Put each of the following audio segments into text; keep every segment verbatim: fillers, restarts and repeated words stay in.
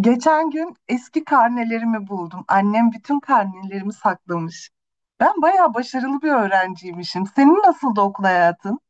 Geçen gün eski karnelerimi buldum. Annem bütün karnelerimi saklamış. Ben bayağı başarılı bir öğrenciymişim. Senin nasıldı okul hayatın?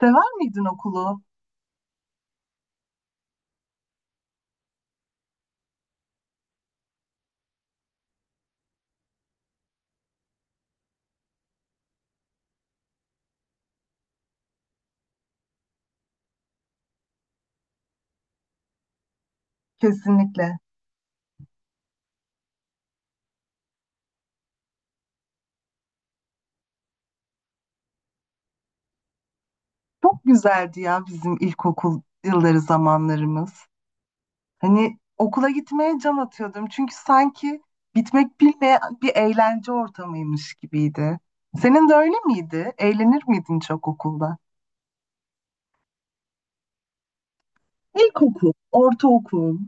Sever miydin okulu? Kesinlikle. Çok güzeldi ya bizim ilkokul yılları zamanlarımız. Hani okula gitmeye can atıyordum. Çünkü sanki bitmek bilmeyen bir eğlence ortamıymış gibiydi. Senin de öyle miydi? Eğlenir miydin çok okulda? İlkokul, ortaokul.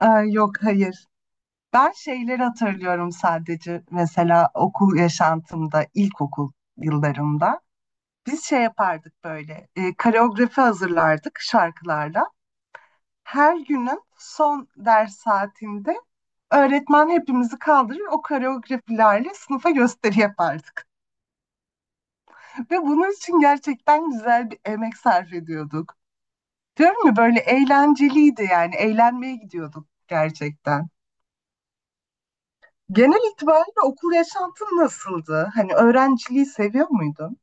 Aa, yok hayır. Ben şeyleri hatırlıyorum sadece mesela okul yaşantımda, ilkokul yıllarımda. Biz şey yapardık böyle, e, koreografi hazırlardık şarkılarla. Her günün son ders saatinde öğretmen hepimizi kaldırır, o koreografilerle sınıfa gösteri yapardık. Ve bunun için gerçekten güzel bir emek sarf ediyorduk. Diyorum ya böyle eğlenceliydi yani, eğlenmeye gidiyorduk gerçekten. Genel itibariyle okul yaşantın nasıldı? Hani öğrenciliği seviyor muydun?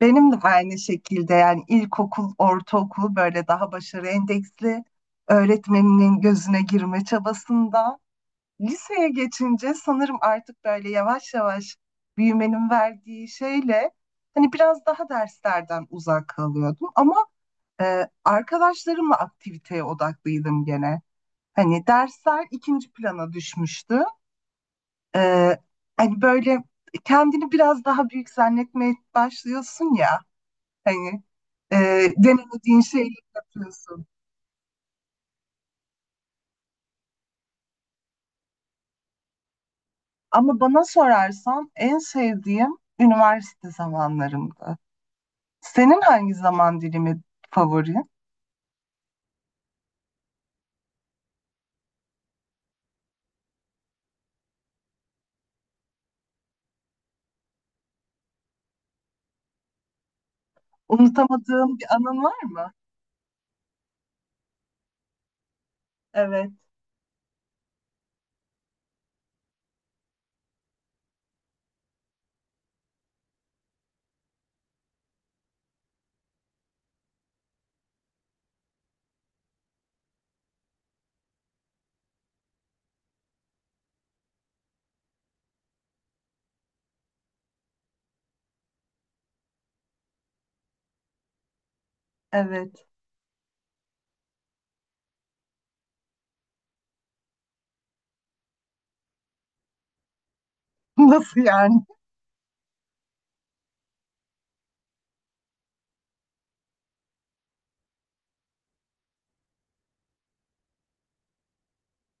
Benim de aynı şekilde yani ilkokul, ortaokul böyle daha başarı endeksli öğretmeninin gözüne girme çabasında. Liseye geçince sanırım artık böyle yavaş yavaş büyümenin verdiği şeyle hani biraz daha derslerden uzak kalıyordum. Ama e, arkadaşlarımla aktiviteye odaklıydım gene. Hani dersler ikinci plana düşmüştü. Ee, hani böyle kendini biraz daha büyük zannetmeye başlıyorsun ya hani e, denemediğin şeyleri yapıyorsun. Ama bana sorarsan en sevdiğim üniversite zamanlarımdı. Senin hangi zaman dilimi favori? Unutamadığın bir anın var mı? Evet, evet. Nasıl yani?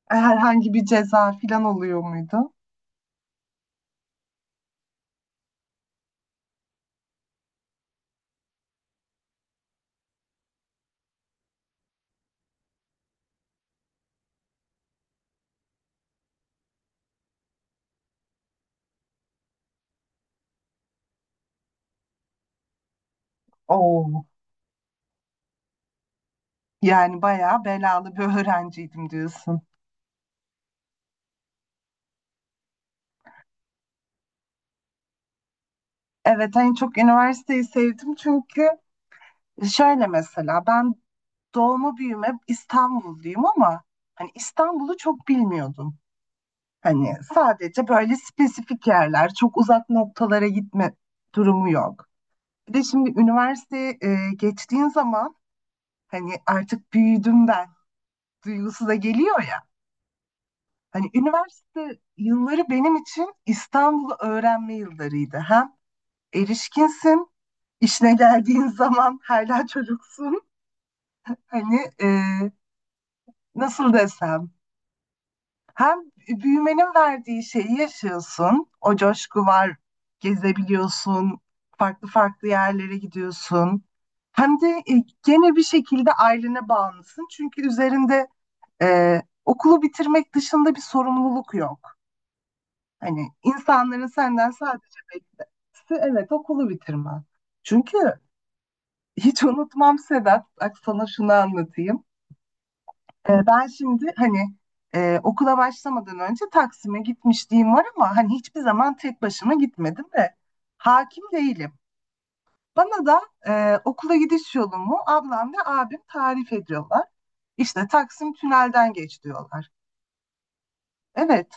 Herhangi bir ceza falan oluyor muydu? Oo. Yani bayağı belalı bir öğrenciydim diyorsun. Evet, en çok üniversiteyi sevdim çünkü şöyle mesela ben doğma büyüme İstanbulluyum ama hani İstanbul'u çok bilmiyordum. Hani sadece böyle spesifik yerler, çok uzak noktalara gitme durumu yok. Bir de şimdi üniversiteye e, geçtiğin zaman hani artık büyüdüm ben duygusu da geliyor ya. Hani üniversite yılları benim için İstanbul'u öğrenme yıllarıydı. Hem erişkinsin, işine geldiğin zaman hala çocuksun. Hani e, nasıl desem hem büyümenin verdiği şeyi yaşıyorsun. O coşku var. Gezebiliyorsun. Farklı farklı yerlere gidiyorsun. Hem de e, gene bir şekilde ailene bağımlısın. Çünkü üzerinde e, okulu bitirmek dışında bir sorumluluk yok. Hani insanların senden sadece beklentisi evet okulu bitirmen. Çünkü hiç unutmam Sedat. Bak sana şunu anlatayım. Ee, Ben şimdi hani e, okula başlamadan önce Taksim'e gitmişliğim var ama hani hiçbir zaman tek başıma gitmedim de hakim değilim. Bana da e, okula gidiş yolumu ablam ve abim tarif ediyorlar. İşte Taksim Tünel'den geç diyorlar. Evet,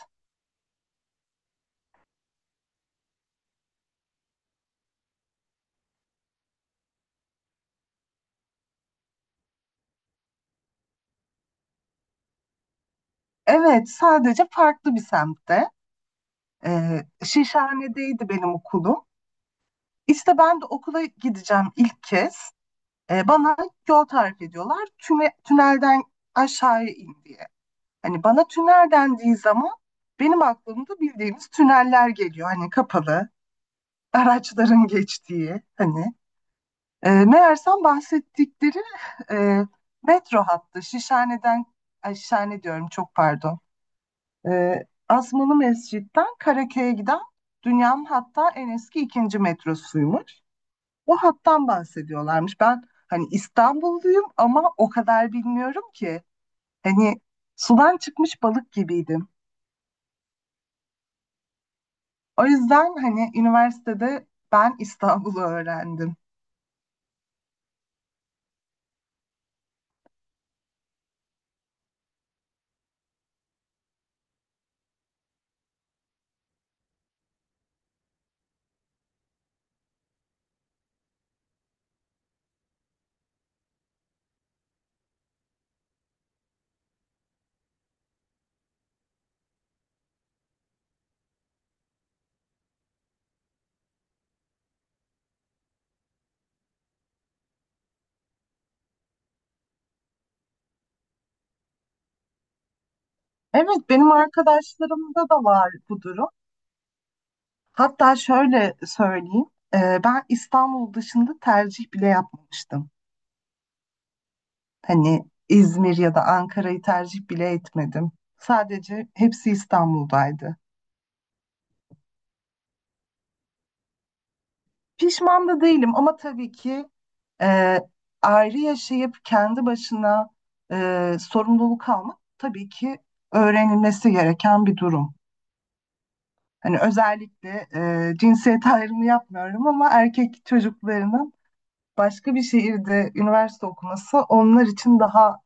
evet sadece farklı bir semtte. Ee, Şişhane'deydi benim okulum. İşte ben de okula gideceğim ilk kez. Ee, bana yol tarif ediyorlar. Tüme, tünelden aşağıya in diye. Hani bana tünel dendiği zaman benim aklımda bildiğimiz tüneller geliyor. Hani kapalı, araçların geçtiği hani. E, meğersem bahsettikleri e, metro hattı Şişhane'den, ay Şişhane diyorum çok pardon. E, Asmalı Mescid'den Karaköy'e giden dünyanın hatta en eski ikinci metrosuymuş. O hattan bahsediyorlarmış. Ben hani İstanbulluyum ama o kadar bilmiyorum ki. Hani sudan çıkmış balık gibiydim. O yüzden hani üniversitede ben İstanbul'u öğrendim. Evet, benim arkadaşlarımda da var bu durum. Hatta şöyle söyleyeyim, e, ben İstanbul dışında tercih bile yapmamıştım. Hani İzmir ya da Ankara'yı tercih bile etmedim. Sadece hepsi İstanbul'daydı. Pişman da değilim ama tabii ki e, ayrı yaşayıp kendi başına e, sorumluluk almak tabii ki öğrenilmesi gereken bir durum. Hani özellikle e, cinsiyet ayrımı yapmıyorum ama erkek çocuklarının başka bir şehirde üniversite okuması onlar için daha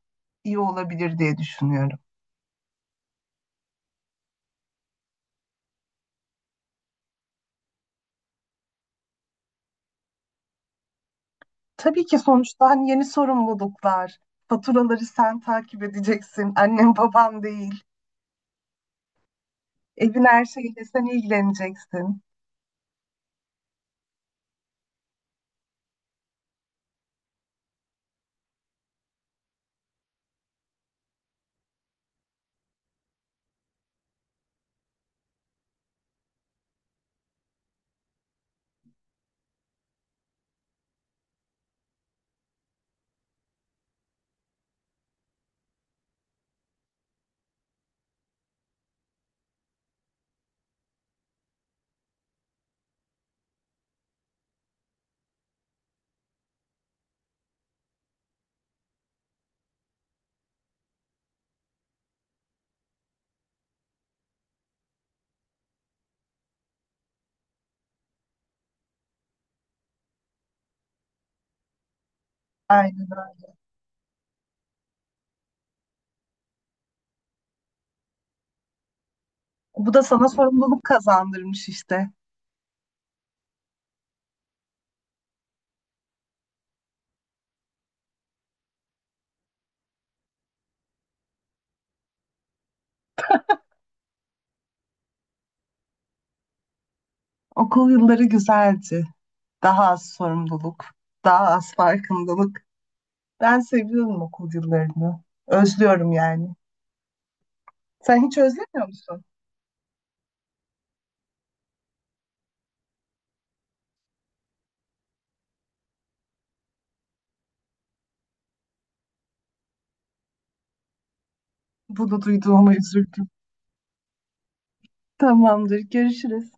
iyi olabilir diye düşünüyorum. Tabii ki sonuçta hani yeni sorumluluklar, faturaları sen takip edeceksin, annem babam değil, evin her şeyiyle sen ilgileneceksin. Aynen. Bu da sana sorumluluk kazandırmış işte. Okul yılları güzeldi. Daha az sorumluluk, daha az farkındalık. Ben seviyorum okulcularını. Özlüyorum yani. Sen hiç özlemiyor musun? Bunu duyduğuma üzüldüm. Tamamdır. Görüşürüz.